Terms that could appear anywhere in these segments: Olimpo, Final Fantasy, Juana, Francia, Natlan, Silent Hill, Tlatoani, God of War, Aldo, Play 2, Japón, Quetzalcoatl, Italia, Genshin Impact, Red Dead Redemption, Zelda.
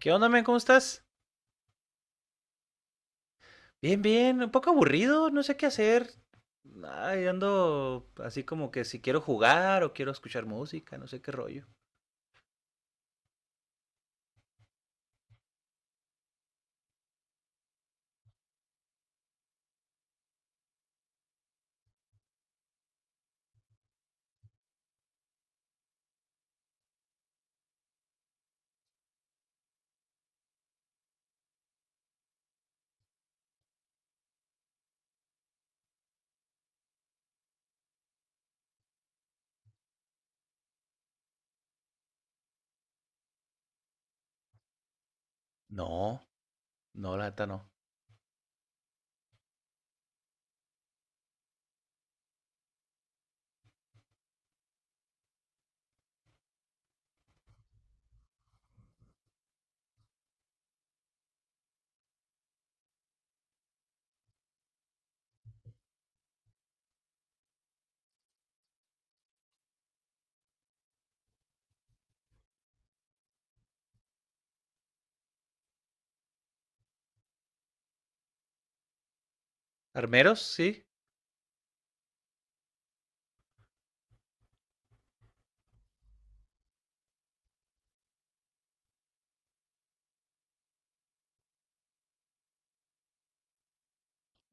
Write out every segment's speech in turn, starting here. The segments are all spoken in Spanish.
¿Qué onda, men? ¿Cómo estás? Bien, bien, un poco aburrido, no sé qué hacer. Ay, ando así como que si quiero jugar o quiero escuchar música, no sé qué rollo. No, no, la neta no. ¿Armeros? Sí.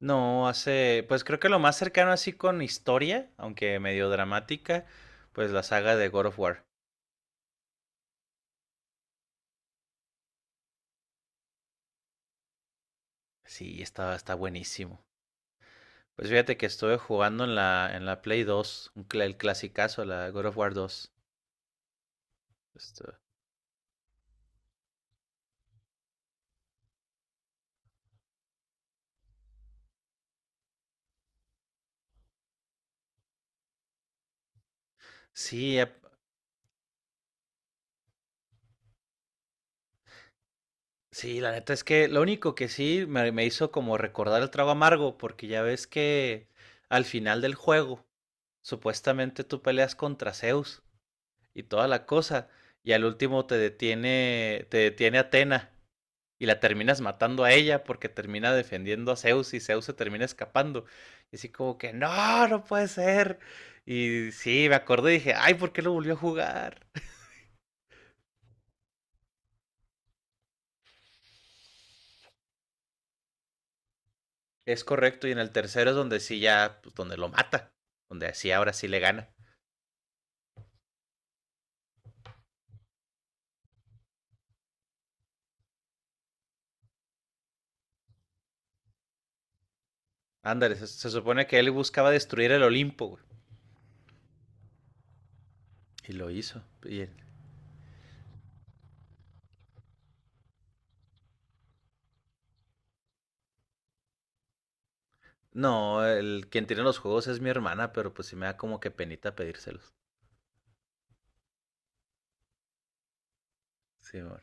No, hace, pues creo que lo más cercano así con historia, aunque medio dramática, pues la saga de God of War. Sí, está, está buenísimo. Pues fíjate que estuve jugando en la Play 2, el clasicazo, la God of War 2. Esto- Sí, Sí, la neta es que lo único que sí me hizo como recordar el trago amargo, porque ya ves que al final del juego, supuestamente tú peleas contra Zeus y toda la cosa, y al último te detiene Atena y la terminas matando a ella porque termina defendiendo a Zeus y Zeus se termina escapando. Y así como que, no, no puede ser. Y sí, me acordé y dije, ay, ¿por qué lo volvió a jugar? Es correcto, y en el tercero es donde sí ya, pues donde lo mata, donde así ahora sí le gana. Ándale, se supone que él buscaba destruir el Olimpo, güey. Y lo hizo. No, el quien tiene los juegos es mi hermana, pero pues sí me da como que penita pedírselos. Sí, amor.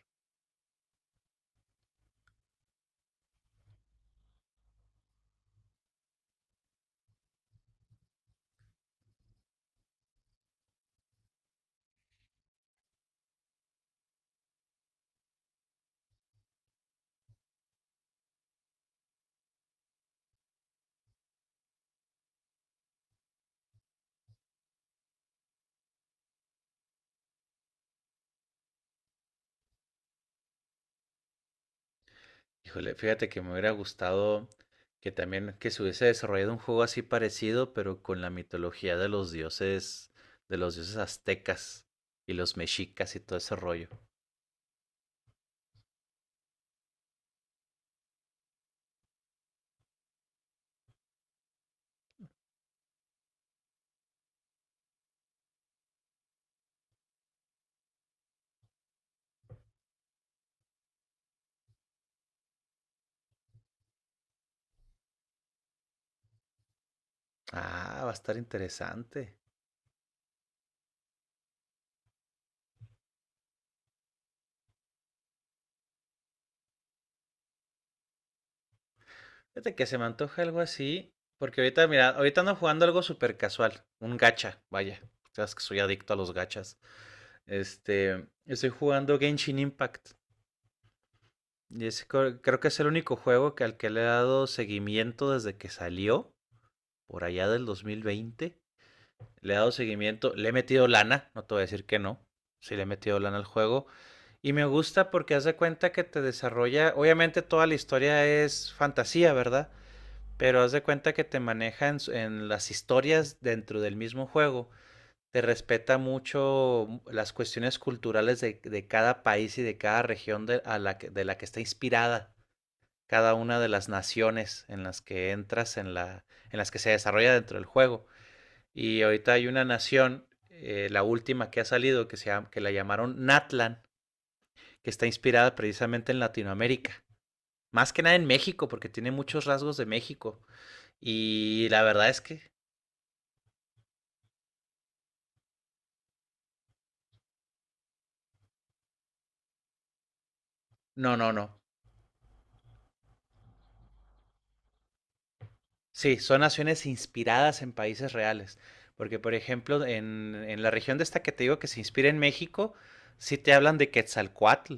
Híjole, fíjate que me hubiera gustado que también que se hubiese desarrollado un juego así parecido, pero con la mitología de los dioses aztecas y los mexicas y todo ese rollo. Ah, va a estar interesante. Fíjate que se me antoja algo así, porque ahorita, mira, ahorita ando jugando algo súper casual, un gacha, vaya, sabes que soy adicto a los gachas. Este, estoy jugando Genshin Impact, y creo que es el único juego que al que le he dado seguimiento desde que salió, por allá del 2020. Le he dado seguimiento, le he metido lana, no te voy a decir que no, sí le he metido lana al juego. Y me gusta porque haz de cuenta que te desarrolla, obviamente toda la historia es fantasía, ¿verdad? Pero haz de cuenta que te maneja en las historias dentro del mismo juego. Te respeta mucho las cuestiones culturales de cada país y de cada región de, a la que, de la que está inspirada cada una de las naciones en las que entras, en las que se desarrolla dentro del juego. Y ahorita hay una nación, la última que ha salido, que la llamaron Natlan, que está inspirada precisamente en Latinoamérica. Más que nada en México, porque tiene muchos rasgos de México. Y la verdad es que no, no, no. Sí, son naciones inspiradas en países reales. Porque, por ejemplo, en la región de esta que te digo que se inspira en México, sí te hablan de Quetzalcoatl,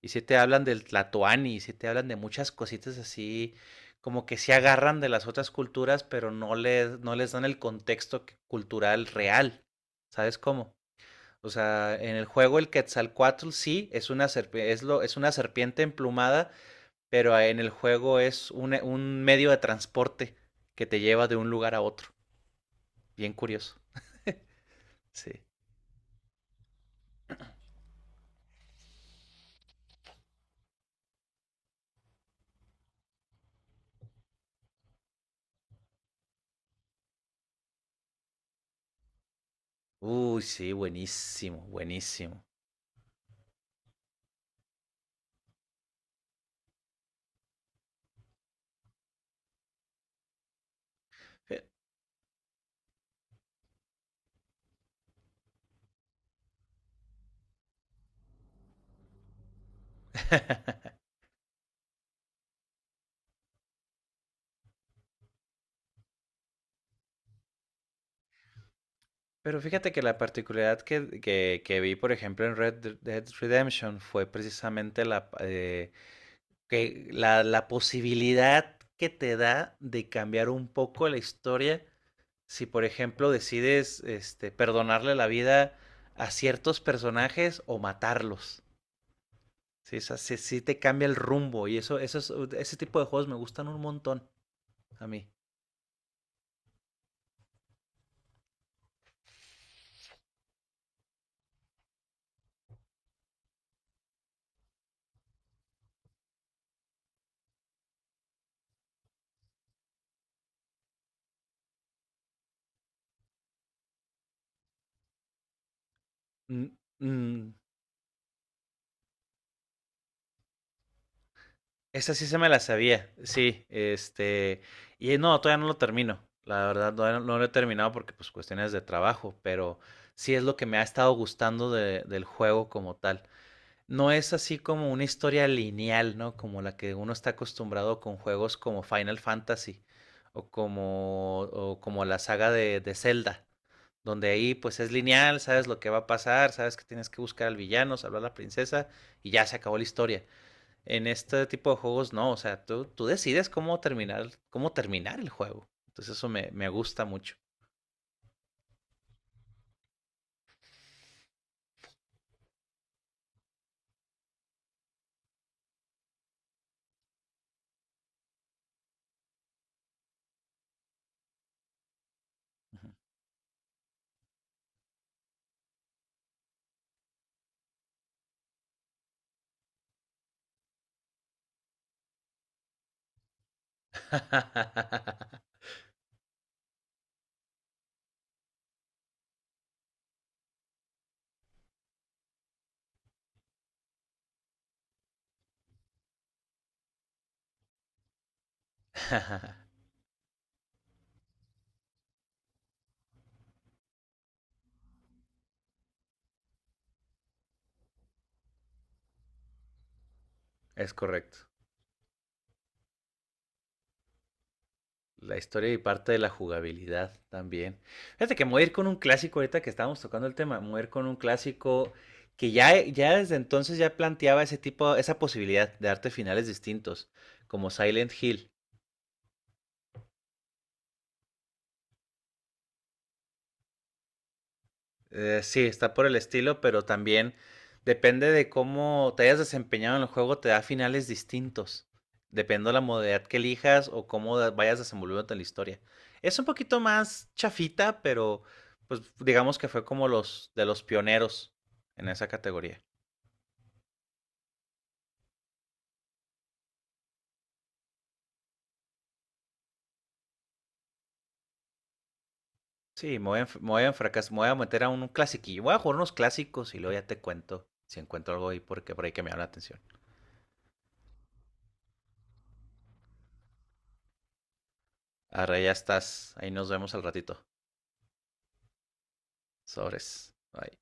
y sí te hablan del Tlatoani, y sí te hablan de muchas cositas así, como que se agarran de las otras culturas, pero no les dan el contexto cultural real. ¿Sabes cómo? O sea, en el juego el Quetzalcoatl sí es una serpiente, es una serpiente emplumada, pero ah, en el juego es un medio de transporte que te lleva de un lugar a otro. Bien curioso. Sí. Uy, sí, buenísimo, buenísimo. Fe- Pero fíjate que la particularidad que vi, por ejemplo, en Red Dead Redemption fue precisamente la, que la posibilidad que te da de cambiar un poco la historia si, por ejemplo, decides este, perdonarle la vida a ciertos personajes o matarlos. Sí, o sea, sí, sí te cambia el rumbo y eso, ese tipo de juegos me gustan un montón a mí. Mm, mm, esa sí se me la sabía, sí, este, y no, todavía no lo termino, la verdad, todavía no lo he terminado porque pues cuestiones de trabajo, pero sí es lo que me ha estado gustando del juego como tal. No es así como una historia lineal, ¿no? Como la que uno está acostumbrado con juegos como Final Fantasy o como la saga de Zelda, donde ahí pues es lineal, sabes lo que va a pasar, sabes que tienes que buscar al villano, salvar a la princesa y ya se acabó la historia. En este tipo de juegos no, o sea, tú decides cómo terminar el juego. Entonces eso me gusta mucho. Es correcto. La historia y parte de la jugabilidad también. Fíjate que me voy a ir con un clásico ahorita que estábamos tocando el tema, me voy a ir con un clásico que ya, ya desde entonces ya planteaba ese tipo, esa posibilidad de darte finales distintos, como Silent Hill. Sí, está por el estilo, pero también depende de cómo te hayas desempeñado en el juego, te da finales distintos. Depende de la modalidad que elijas o vayas desenvolviéndote en la historia. Es un poquito más chafita, pero pues digamos que fue como los de los pioneros en esa categoría. Sí, me voy a meter a un clasiquillo. Voy a jugar unos clásicos y luego ya te cuento si encuentro algo ahí porque por ahí que me llama la atención. Ahora ya estás. Ahí nos vemos al ratito. Sobres. Bye.